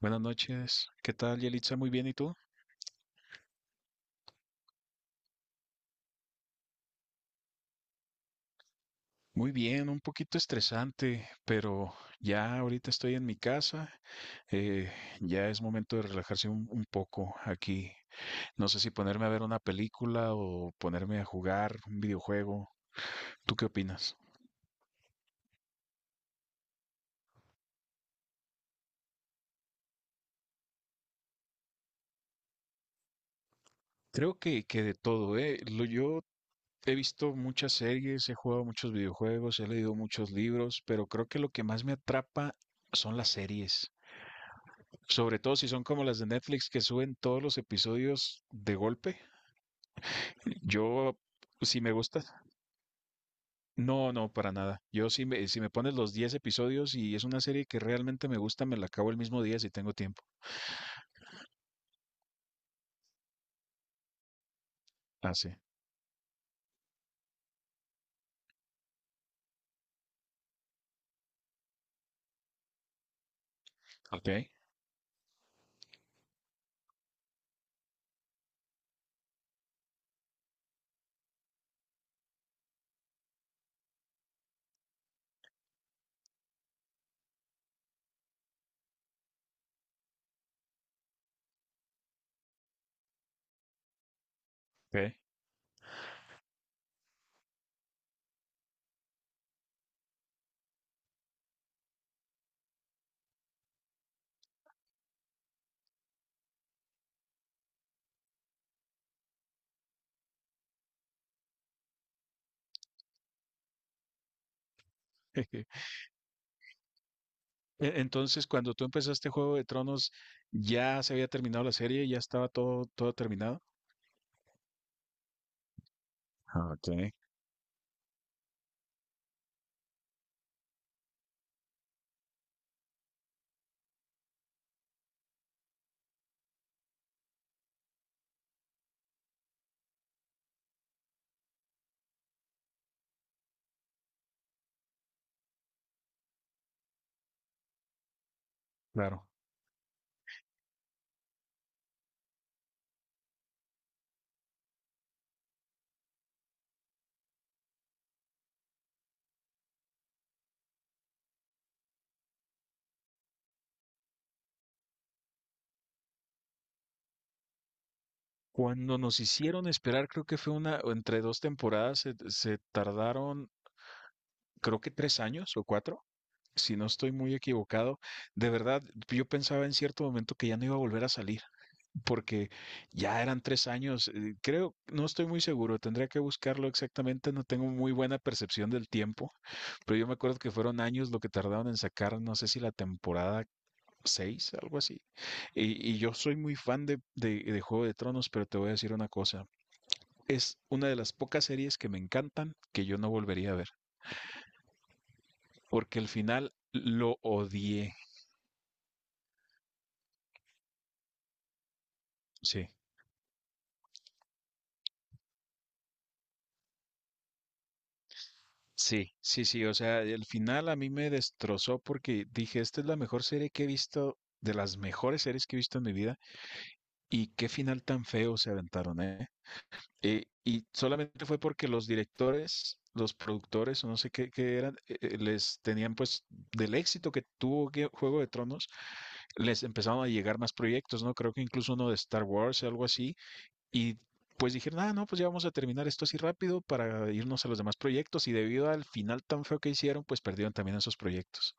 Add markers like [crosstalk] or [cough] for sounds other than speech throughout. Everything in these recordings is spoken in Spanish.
Buenas noches. ¿Qué tal, Yelitza? Muy bien, ¿y tú? Muy bien, un poquito estresante, pero ya ahorita estoy en mi casa. eh, ya es momento de relajarse un poco aquí. No sé si ponerme a ver una película o ponerme a jugar un videojuego. ¿Tú qué opinas? Creo que de todo, ¿eh? Lo, yo he visto muchas series, he jugado muchos videojuegos, he leído muchos libros, pero creo que lo que más me atrapa son las series. Sobre todo si son como las de Netflix que suben todos los episodios de golpe. Yo sí me gusta. No, no, para nada. Yo si me pones los 10 episodios y es una serie que realmente me gusta, me la acabo el mismo día si tengo tiempo. Ah, sí. Ok, ok. [laughs] Entonces, cuando tú empezaste Juego de Tronos, ¿ya se había terminado la serie? ¿Ya estaba todo terminado? Ah, ok, claro. Cuando nos hicieron esperar, creo que fue una, o entre dos temporadas, se tardaron, creo que tres años o cuatro, si no estoy muy equivocado, de verdad, yo pensaba en cierto momento que ya no iba a volver a salir, porque ya eran tres años, creo, no estoy muy seguro, tendría que buscarlo exactamente, no tengo muy buena percepción del tiempo, pero yo me acuerdo que fueron años lo que tardaron en sacar, no sé si la temporada seis, algo así. Y yo soy muy fan de, de Juego de Tronos, pero te voy a decir una cosa. Es una de las pocas series que me encantan que yo no volvería a ver, porque el final lo odié. Sí, sí, o sea, el final a mí me destrozó porque dije, esta es la mejor serie que he visto, de las mejores series que he visto en mi vida, y qué final tan feo se aventaron, ¿eh? Y solamente fue porque los directores, los productores, o no sé qué, qué eran, les tenían pues del éxito que tuvo Juego de Tronos, les empezaron a llegar más proyectos, ¿no? Creo que incluso uno de Star Wars, algo así, y pues dijeron, ah, no, pues ya vamos a terminar esto así rápido para irnos a los demás proyectos. Y debido al final tan feo que hicieron, pues perdieron también esos proyectos.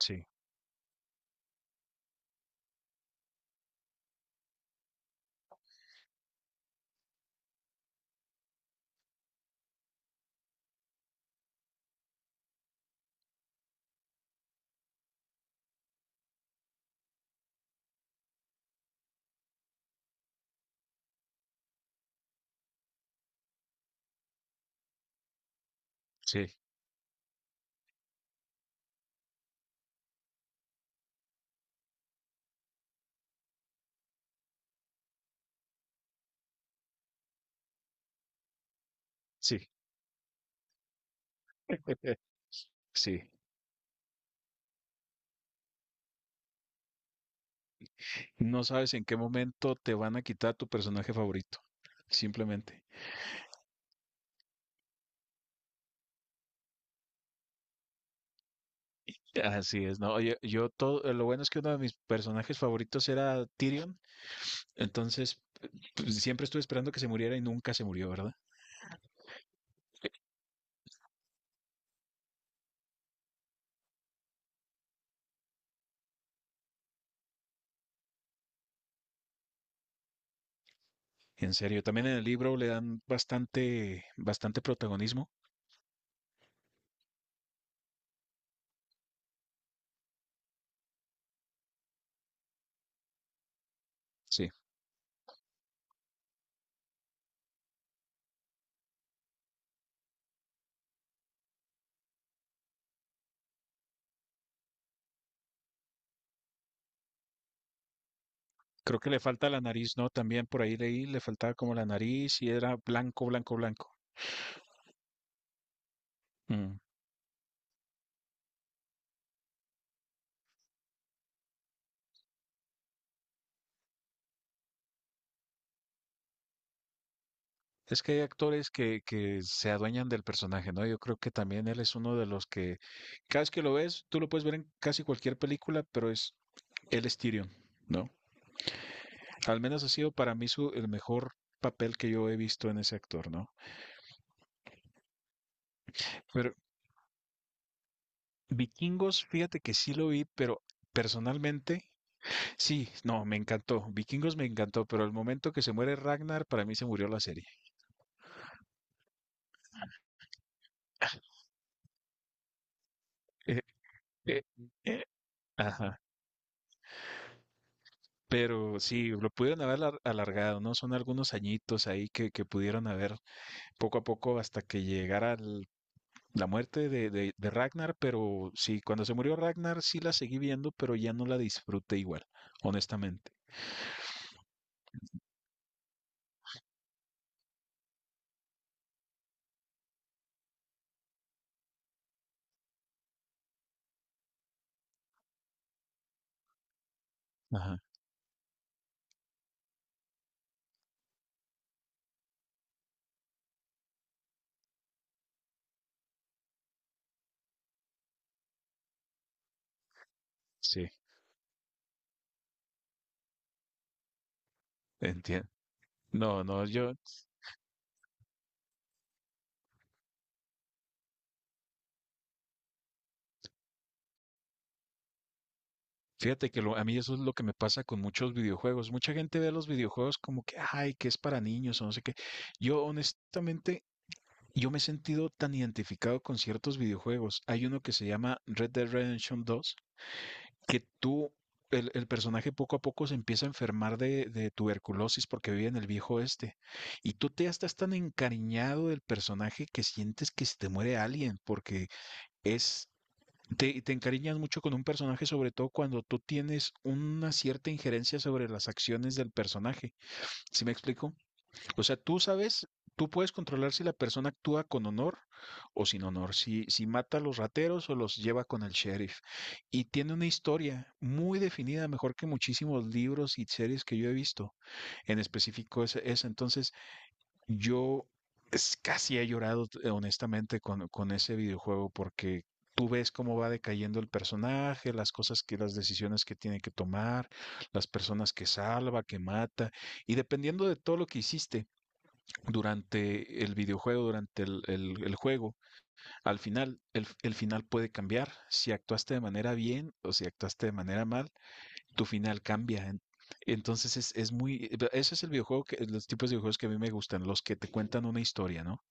Sí, sí, sí, [laughs] sí. No sabes en qué momento te van a quitar tu personaje favorito. Simplemente. Así es, no. Oye, yo todo, lo bueno es que uno de mis personajes favoritos era Tyrion, entonces pues, siempre estuve esperando que se muriera y nunca se murió, ¿verdad? En serio, también en el libro le dan bastante protagonismo. Sí. Creo que le falta la nariz, ¿no? También por ahí leí, le faltaba como la nariz y era blanco, blanco. Mm. Es que hay actores que se adueñan del personaje, ¿no? Yo creo que también él es uno de los que, cada vez que lo ves, tú lo puedes ver en casi cualquier película, pero es, él es Tyrion, ¿no? Al menos ha sido para mí su, el mejor papel que yo he visto en ese actor, ¿no? Pero Vikingos, fíjate que sí lo vi, pero personalmente, sí, no, me encantó. Vikingos me encantó, pero el momento que se muere Ragnar, para mí se murió la serie. Eh, eh, eh, ajá. Pero sí, lo pudieron alargado, ¿no? Son algunos añitos ahí que pudieron haber poco a poco hasta que llegara la muerte de, de Ragnar, pero sí, cuando se murió Ragnar sí la seguí viendo, pero ya no la disfruté igual, honestamente. Ajá, sí, entiendo. No, no, yo, fíjate que a mí eso es lo que me pasa con muchos videojuegos. Mucha gente ve los videojuegos como que, ay, que es para niños o no sé qué. Yo honestamente yo me he sentido tan identificado con ciertos videojuegos. Hay uno que se llama Red Dead Redemption 2, que tú, el personaje poco a poco se empieza a enfermar de tuberculosis porque vive en el viejo oeste. Y tú te estás tan encariñado del personaje que sientes que se te muere alguien porque es... Te encariñas mucho con un personaje, sobre todo cuando tú tienes una cierta injerencia sobre las acciones del personaje. ¿Sí me explico? O sea, tú sabes, tú puedes controlar si la persona actúa con honor o sin honor, si mata a los rateros o los lleva con el sheriff. Y tiene una historia muy definida, mejor que muchísimos libros y series que yo he visto. En específico esa. Entonces, yo casi he llorado, honestamente, con ese videojuego porque... Tú ves cómo va decayendo el personaje, las cosas que, las decisiones que tiene que tomar, las personas que salva, que mata, y dependiendo de todo lo que hiciste, durante el videojuego, durante el juego. Al final, el final puede cambiar. Si actuaste de manera bien o si actuaste de manera mal, tu final cambia. Entonces es muy, ese es el videojuego que, los tipos de videojuegos que a mí me gustan, los que te cuentan una historia, ¿no?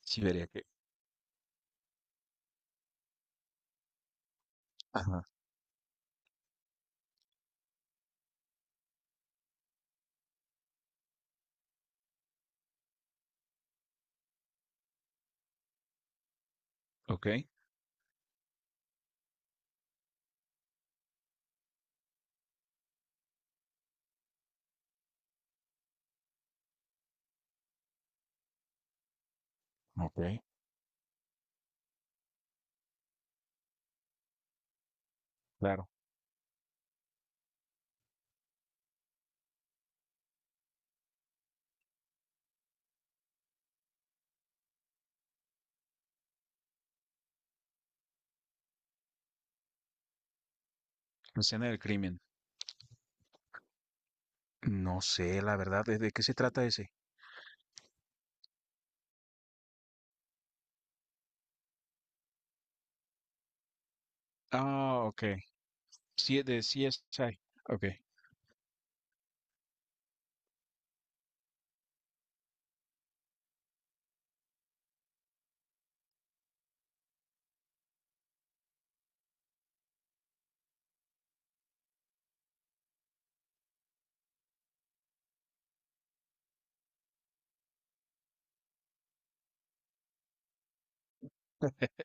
Sí, vería que. Ajá. Ok, Ok, claro. Escena del crimen. No sé, la verdad, de qué se trata ese? Ah, ok. Sí, de CSI. Ok.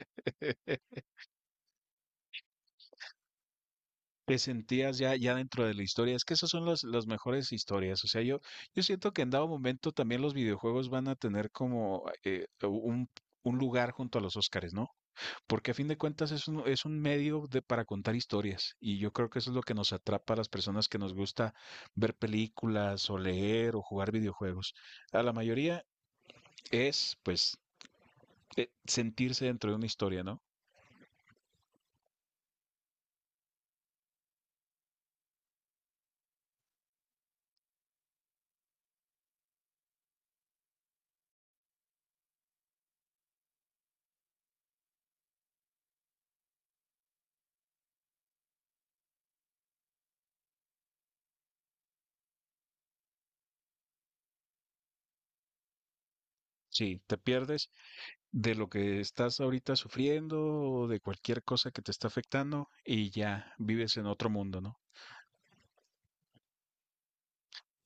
[laughs] Te sentías ya ya dentro de la historia. Es que esas son las mejores historias. O sea, yo yo siento que en dado momento también los videojuegos van a tener como, un lugar junto a los Óscares, ¿no? Porque a fin de cuentas es un medio de para contar historias, y yo creo que eso es lo que nos atrapa a las personas que nos gusta ver películas, o leer, o jugar videojuegos. A la mayoría es, pues, sentirse dentro de una historia, ¿no? Sí, te pierdes de lo que estás ahorita sufriendo o de cualquier cosa que te está afectando y ya vives en otro mundo, ¿no?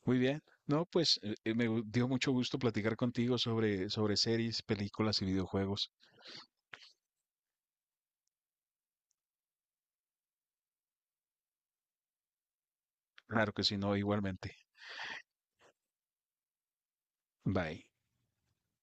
Muy bien. No, pues me dio mucho gusto platicar contigo sobre, sobre series, películas y videojuegos. Claro que sí, no, igualmente. Bye.